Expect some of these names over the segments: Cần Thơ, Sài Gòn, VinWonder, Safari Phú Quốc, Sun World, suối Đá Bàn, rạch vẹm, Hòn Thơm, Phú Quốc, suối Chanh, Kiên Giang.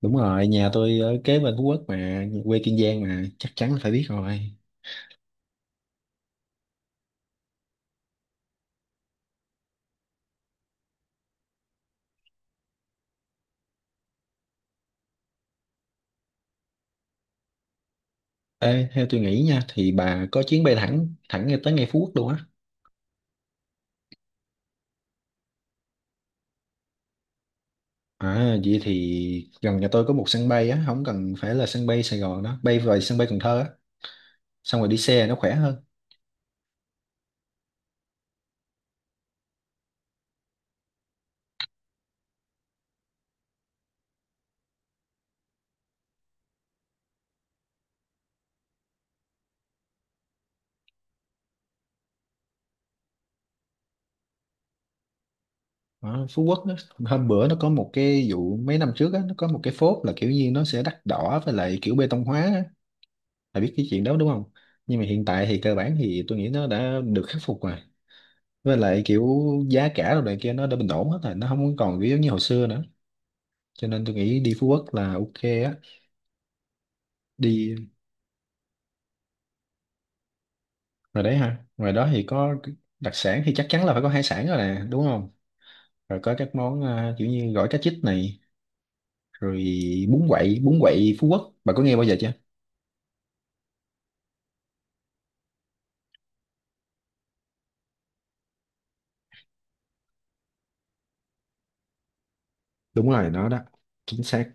Đúng rồi, nhà tôi ở kế bên Phú Quốc mà, quê Kiên Giang mà, chắc chắn là phải biết rồi. Ê, theo tôi nghĩ nha, thì bà có chuyến bay thẳng ngay tới ngay Phú Quốc luôn á. À, vậy thì gần nhà tôi có một sân bay á, không cần phải là sân bay Sài Gòn đó, bay về sân bay Cần Thơ á, xong rồi đi xe nó khỏe hơn. Đó, Phú Quốc đó, hôm bữa nó có một cái vụ mấy năm trước á, nó có một cái phốt là kiểu như nó sẽ đắt đỏ với lại kiểu bê tông hóa á, bà biết cái chuyện đó đúng không? Nhưng mà hiện tại thì cơ bản thì tôi nghĩ nó đã được khắc phục rồi. Với lại kiểu giá cả đồ này kia nó đã bình ổn hết rồi, nó không còn kiểu giống như hồi phức xưa nữa, cho nên tôi nghĩ đi Phú Quốc là ok á. Đi rồi đấy ha, ngoài đó thì có đặc sản thì chắc chắn là phải có hải sản rồi nè, đúng không? Rồi có các món kiểu như gỏi cá chích này, rồi bún quậy Phú Quốc bà có nghe bao giờ chưa? Đúng rồi, nó đó, chính xác.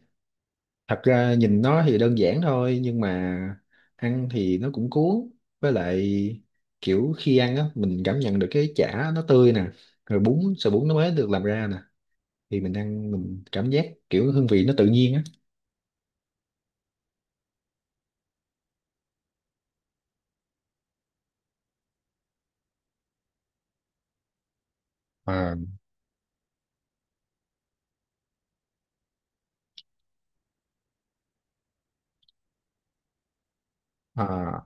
Thật ra nhìn nó thì đơn giản thôi, nhưng mà ăn thì nó cũng cuốn. Với lại kiểu khi ăn á mình cảm nhận được cái chả nó tươi nè, rồi bún sợi bún nó mới được làm ra nè, thì mình ăn mình cảm giác kiểu hương vị nó tự nhiên á. à, à,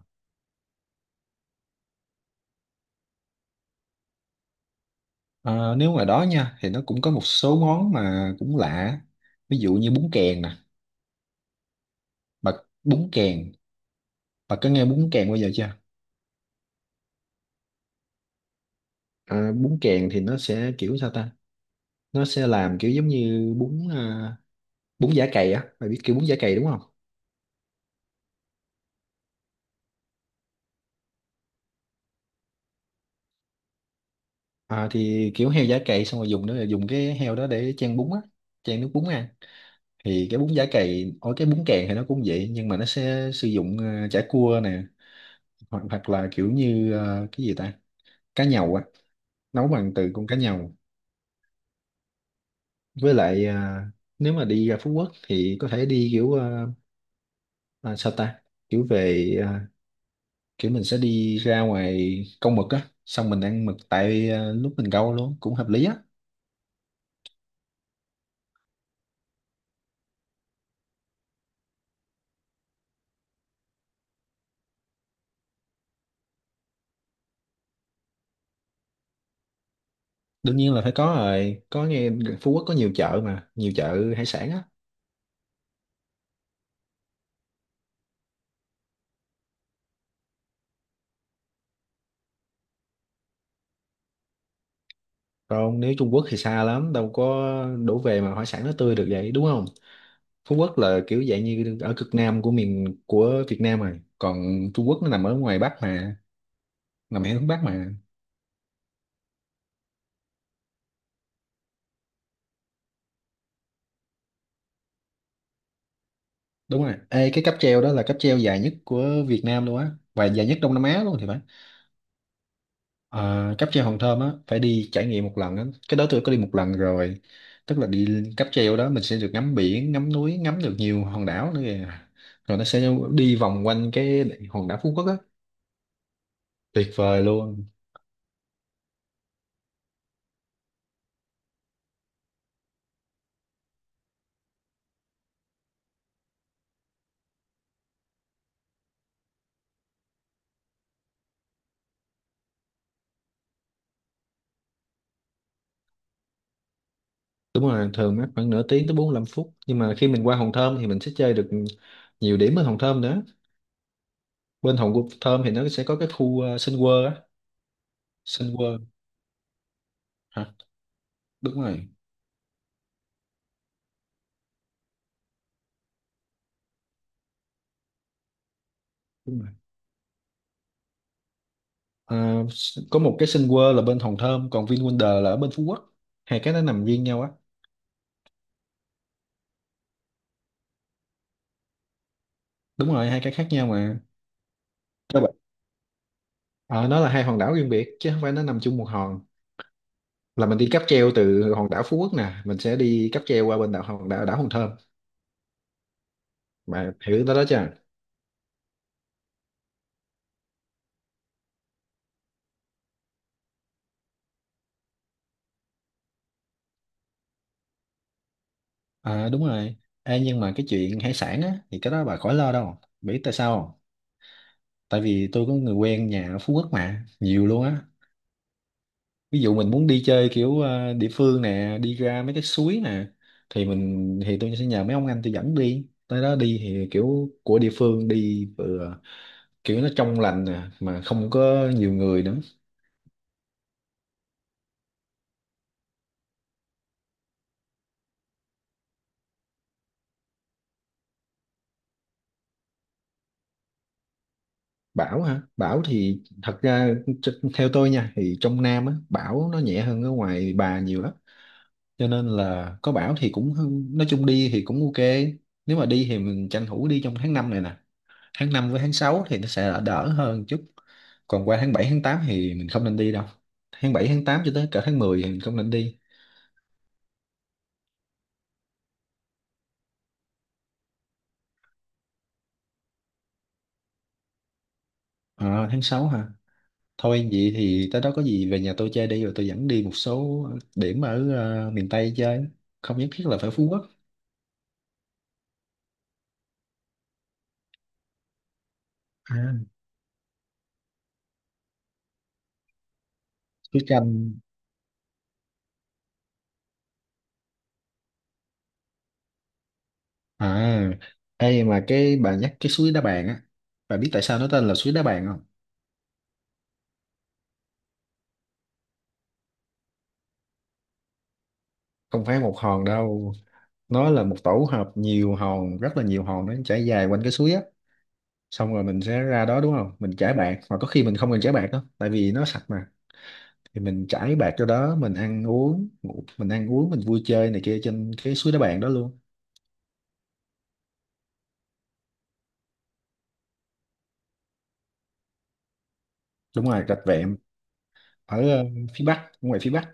Nếu ngoài đó nha thì nó cũng có một số món mà cũng lạ, ví dụ như bún kèn nè. Bà bún kèn bà có nghe bún kèn bao giờ chưa? Bún kèn thì nó sẽ kiểu sao ta, nó sẽ làm kiểu giống như bún bún chả cày á, mày biết kiểu bún chả cày đúng không? Thì kiểu heo chả cày xong rồi dùng đó là dùng cái heo đó để chan bún á, chan nước bún ăn. Thì cái bún chả cày ở cái bún càng thì nó cũng vậy, nhưng mà nó sẽ sử dụng chả cua nè, hoặc hoặc là kiểu như cái gì ta, cá nhầu á, nấu bằng từ con cá nhầu. Với lại nếu mà đi ra Phú Quốc thì có thể đi kiểu sao ta, kiểu về kiểu mình sẽ đi ra ngoài câu mực á, xong mình ăn mực tại lúc mình câu luôn cũng hợp lý á. Đương nhiên là phải có rồi, có nghe, Phú Quốc có nhiều chợ mà, nhiều chợ hải sản á. Còn nếu Trung Quốc thì xa lắm, đâu có đổ về mà hải sản nó tươi được vậy đúng không? Phú Quốc là kiểu dạng như ở cực nam của miền của Việt Nam rồi, còn Trung Quốc nó nằm ở ngoài Bắc mà, nằm ở hướng Bắc mà. Đúng rồi. Ê, cái cáp treo đó là cáp treo dài nhất của Việt Nam luôn á, và dài nhất Đông Nam Á luôn thì phải. À, cáp treo Hòn Thơm á, phải đi trải nghiệm một lần á, cái đó tôi có đi một lần rồi. Tức là đi cáp treo đó mình sẽ được ngắm biển, ngắm núi, ngắm được nhiều hòn đảo nữa kìa, rồi nó sẽ đi vòng quanh cái hòn đảo Phú Quốc á. Tuyệt vời luôn. Đúng rồi, thường mất khoảng nửa tiếng tới 45 phút, nhưng mà khi mình qua Hòn Thơm thì mình sẽ chơi được nhiều điểm ở Hòn Thơm nữa. Bên Hòn Thơm thì nó sẽ có cái khu Sun World á. Sun World hả? Đúng rồi, đúng rồi. Ờ, có một cái Sun World là bên Hòn Thơm, còn VinWonder là ở bên Phú Quốc, hai cái nó nằm riêng nhau á. Đúng rồi, hai cái khác nhau mà. Các bạn- ờ, nó là hai hòn đảo riêng biệt chứ không phải nó nằm chung một hòn, là mình đi cáp treo từ hòn đảo Phú Quốc nè, mình sẽ đi cáp treo qua bên đảo đảo Hòn Thơm. Bà hiểu tới đó chưa? À, đúng rồi. Ê, nhưng mà cái chuyện hải sản á thì cái đó bà khỏi lo, đâu biết tại sao không? Tại vì tôi có người quen nhà ở Phú Quốc mà, nhiều luôn á. Ví dụ mình muốn đi chơi kiểu địa phương nè, đi ra mấy cái suối nè, thì mình thì tôi sẽ nhờ mấy ông anh tôi dẫn đi tới đó đi, thì kiểu của địa phương đi vừa kiểu nó trong lành nè mà không có nhiều người nữa. Bão hả? Bão thì thật ra theo tôi nha thì trong Nam á bão nó nhẹ hơn ở ngoài Bà nhiều lắm, cho nên là có bão thì cũng nói chung đi thì cũng ok. Nếu mà đi thì mình tranh thủ đi trong tháng 5 này nè, tháng 5 với tháng 6 thì nó sẽ đỡ đỡ hơn chút, còn qua tháng 7 tháng 8 thì mình không nên đi đâu, tháng 7 tháng 8 cho tới cả tháng 10 thì mình không nên đi. À, tháng 6 hả? Thôi vậy thì tới đó có gì về nhà tôi chơi đi, rồi tôi dẫn đi một số điểm ở miền Tây chơi, không nhất thiết là phải Phú Quốc. À, suối Chanh. À, ê mà cái bà nhắc cái suối Đá Bàn á, bà biết tại sao nó tên là suối Đá Bàn không? Không phải một hòn đâu, nó là một tổ hợp nhiều hòn, rất là nhiều hòn, nó chảy dài quanh cái suối á. Xong rồi mình sẽ ra đó đúng không, mình chải bạc, mà có khi mình không cần chải bạc đó tại vì nó sạch mà, thì mình chải bạc cho đó mình ăn uống ngủ, mình ăn uống mình vui chơi này kia trên cái suối đá bạc đó luôn. Đúng rồi, rạch vẹm ở phía bắc, ngoài phía bắc.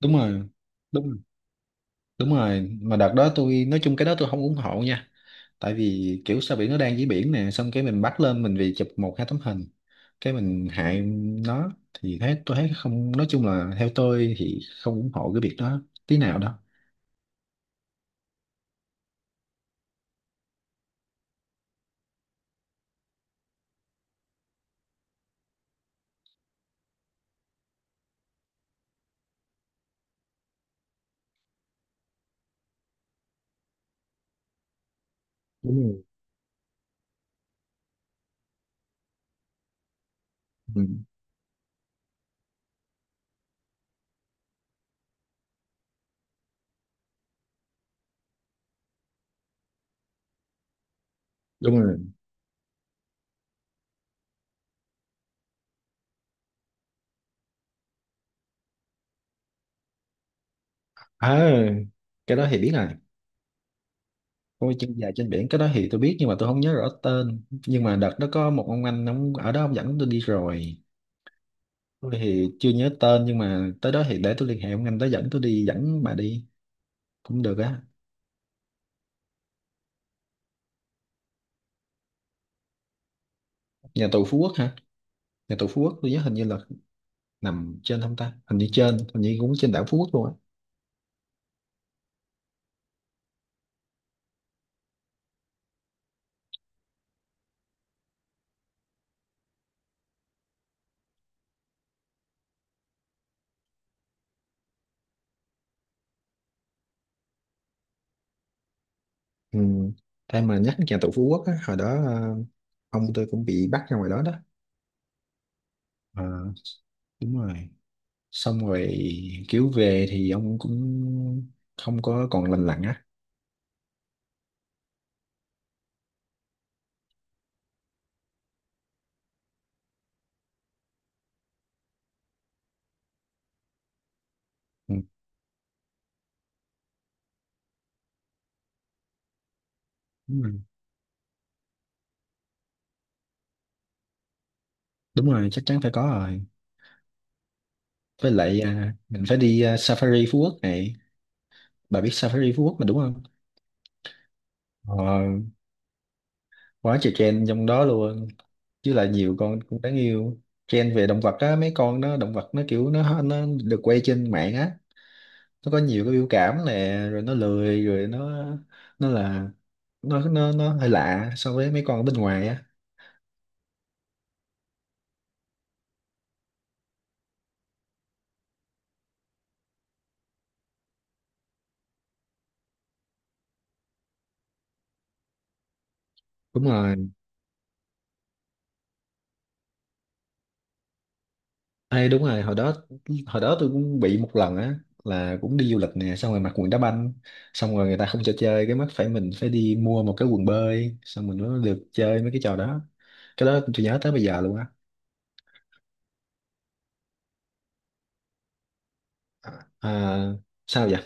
Đúng rồi. Đúng rồi. Đúng rồi, mà đợt đó tôi nói chung cái đó tôi không ủng hộ nha, tại vì kiểu sao biển nó đang dưới biển nè, xong cái mình bắt lên mình vì chụp một hai tấm hình cái mình hại nó, thì thấy tôi thấy không, nói chung là theo tôi thì không ủng hộ cái việc đó tí nào đó. Đúng rồi. Ừ. Đúng rồi. À, cái đó thì biết rồi. Ôi chân dài trên biển, cái đó thì tôi biết, nhưng mà tôi không nhớ rõ tên, nhưng mà đợt đó có một ông anh ông ở đó ông dẫn tôi đi rồi. Tôi thì chưa nhớ tên, nhưng mà tới đó thì để tôi liên hệ ông anh đó dẫn tôi đi dẫn bà đi cũng được á. Nhà tù Phú Quốc hả? Nhà tù Phú Quốc tôi nhớ hình như là nằm trên không ta, hình như trên, hình như cũng trên đảo Phú Quốc luôn á. Ừ. Em mà nhắc nhà tù Phú Quốc á, hồi đó ông tôi cũng bị bắt ra ngoài đó đó. Ờ, đúng rồi. Xong rồi kiểu về thì ông cũng không có còn lành lặn á. Ừ. Đúng rồi. Đúng rồi, chắc chắn phải có rồi. Với lại mình phải đi Safari Phú Quốc này, bà biết Safari Phú Quốc mà đúng không? Ờ, quá trời trend trong đó luôn, chứ là nhiều con cũng đáng yêu. Trend về động vật á, mấy con nó động vật nó kiểu nó được quay trên mạng á, nó có nhiều cái biểu cảm nè, rồi nó lười, rồi nó là nó hơi lạ so với mấy con ở bên ngoài á. Đúng rồi. Ê, đúng rồi, hồi đó tôi cũng bị một lần á, là cũng đi du lịch nè, xong rồi mặc quần đá banh, xong rồi người ta không cho chơi, cái mắt phải mình phải đi mua một cái quần bơi xong mình mới được chơi mấy cái trò đó. Cái đó tôi nhớ tới bây giờ luôn á. À, sao vậy?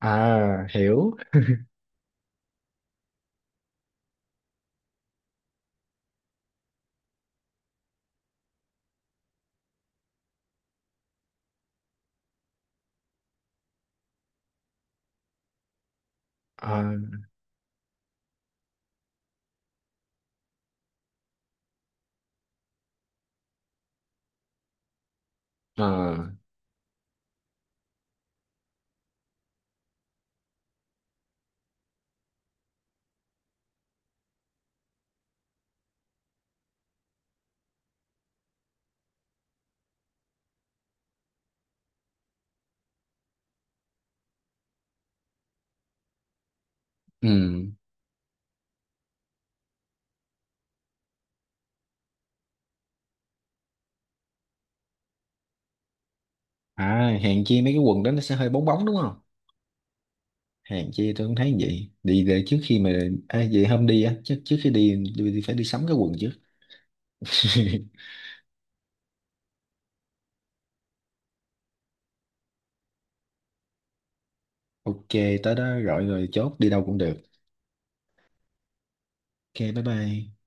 À hiểu. à, à, ừ. À hèn chi mấy cái quần đó nó sẽ hơi bóng bóng đúng không? Hèn chi tôi cũng thấy vậy. Đi để trước khi mà à, vậy hôm đi á, trước trước khi đi, đi phải đi sắm cái quần trước. Ok, tới đó gọi rồi chốt đi đâu cũng được. Ok, bye bye.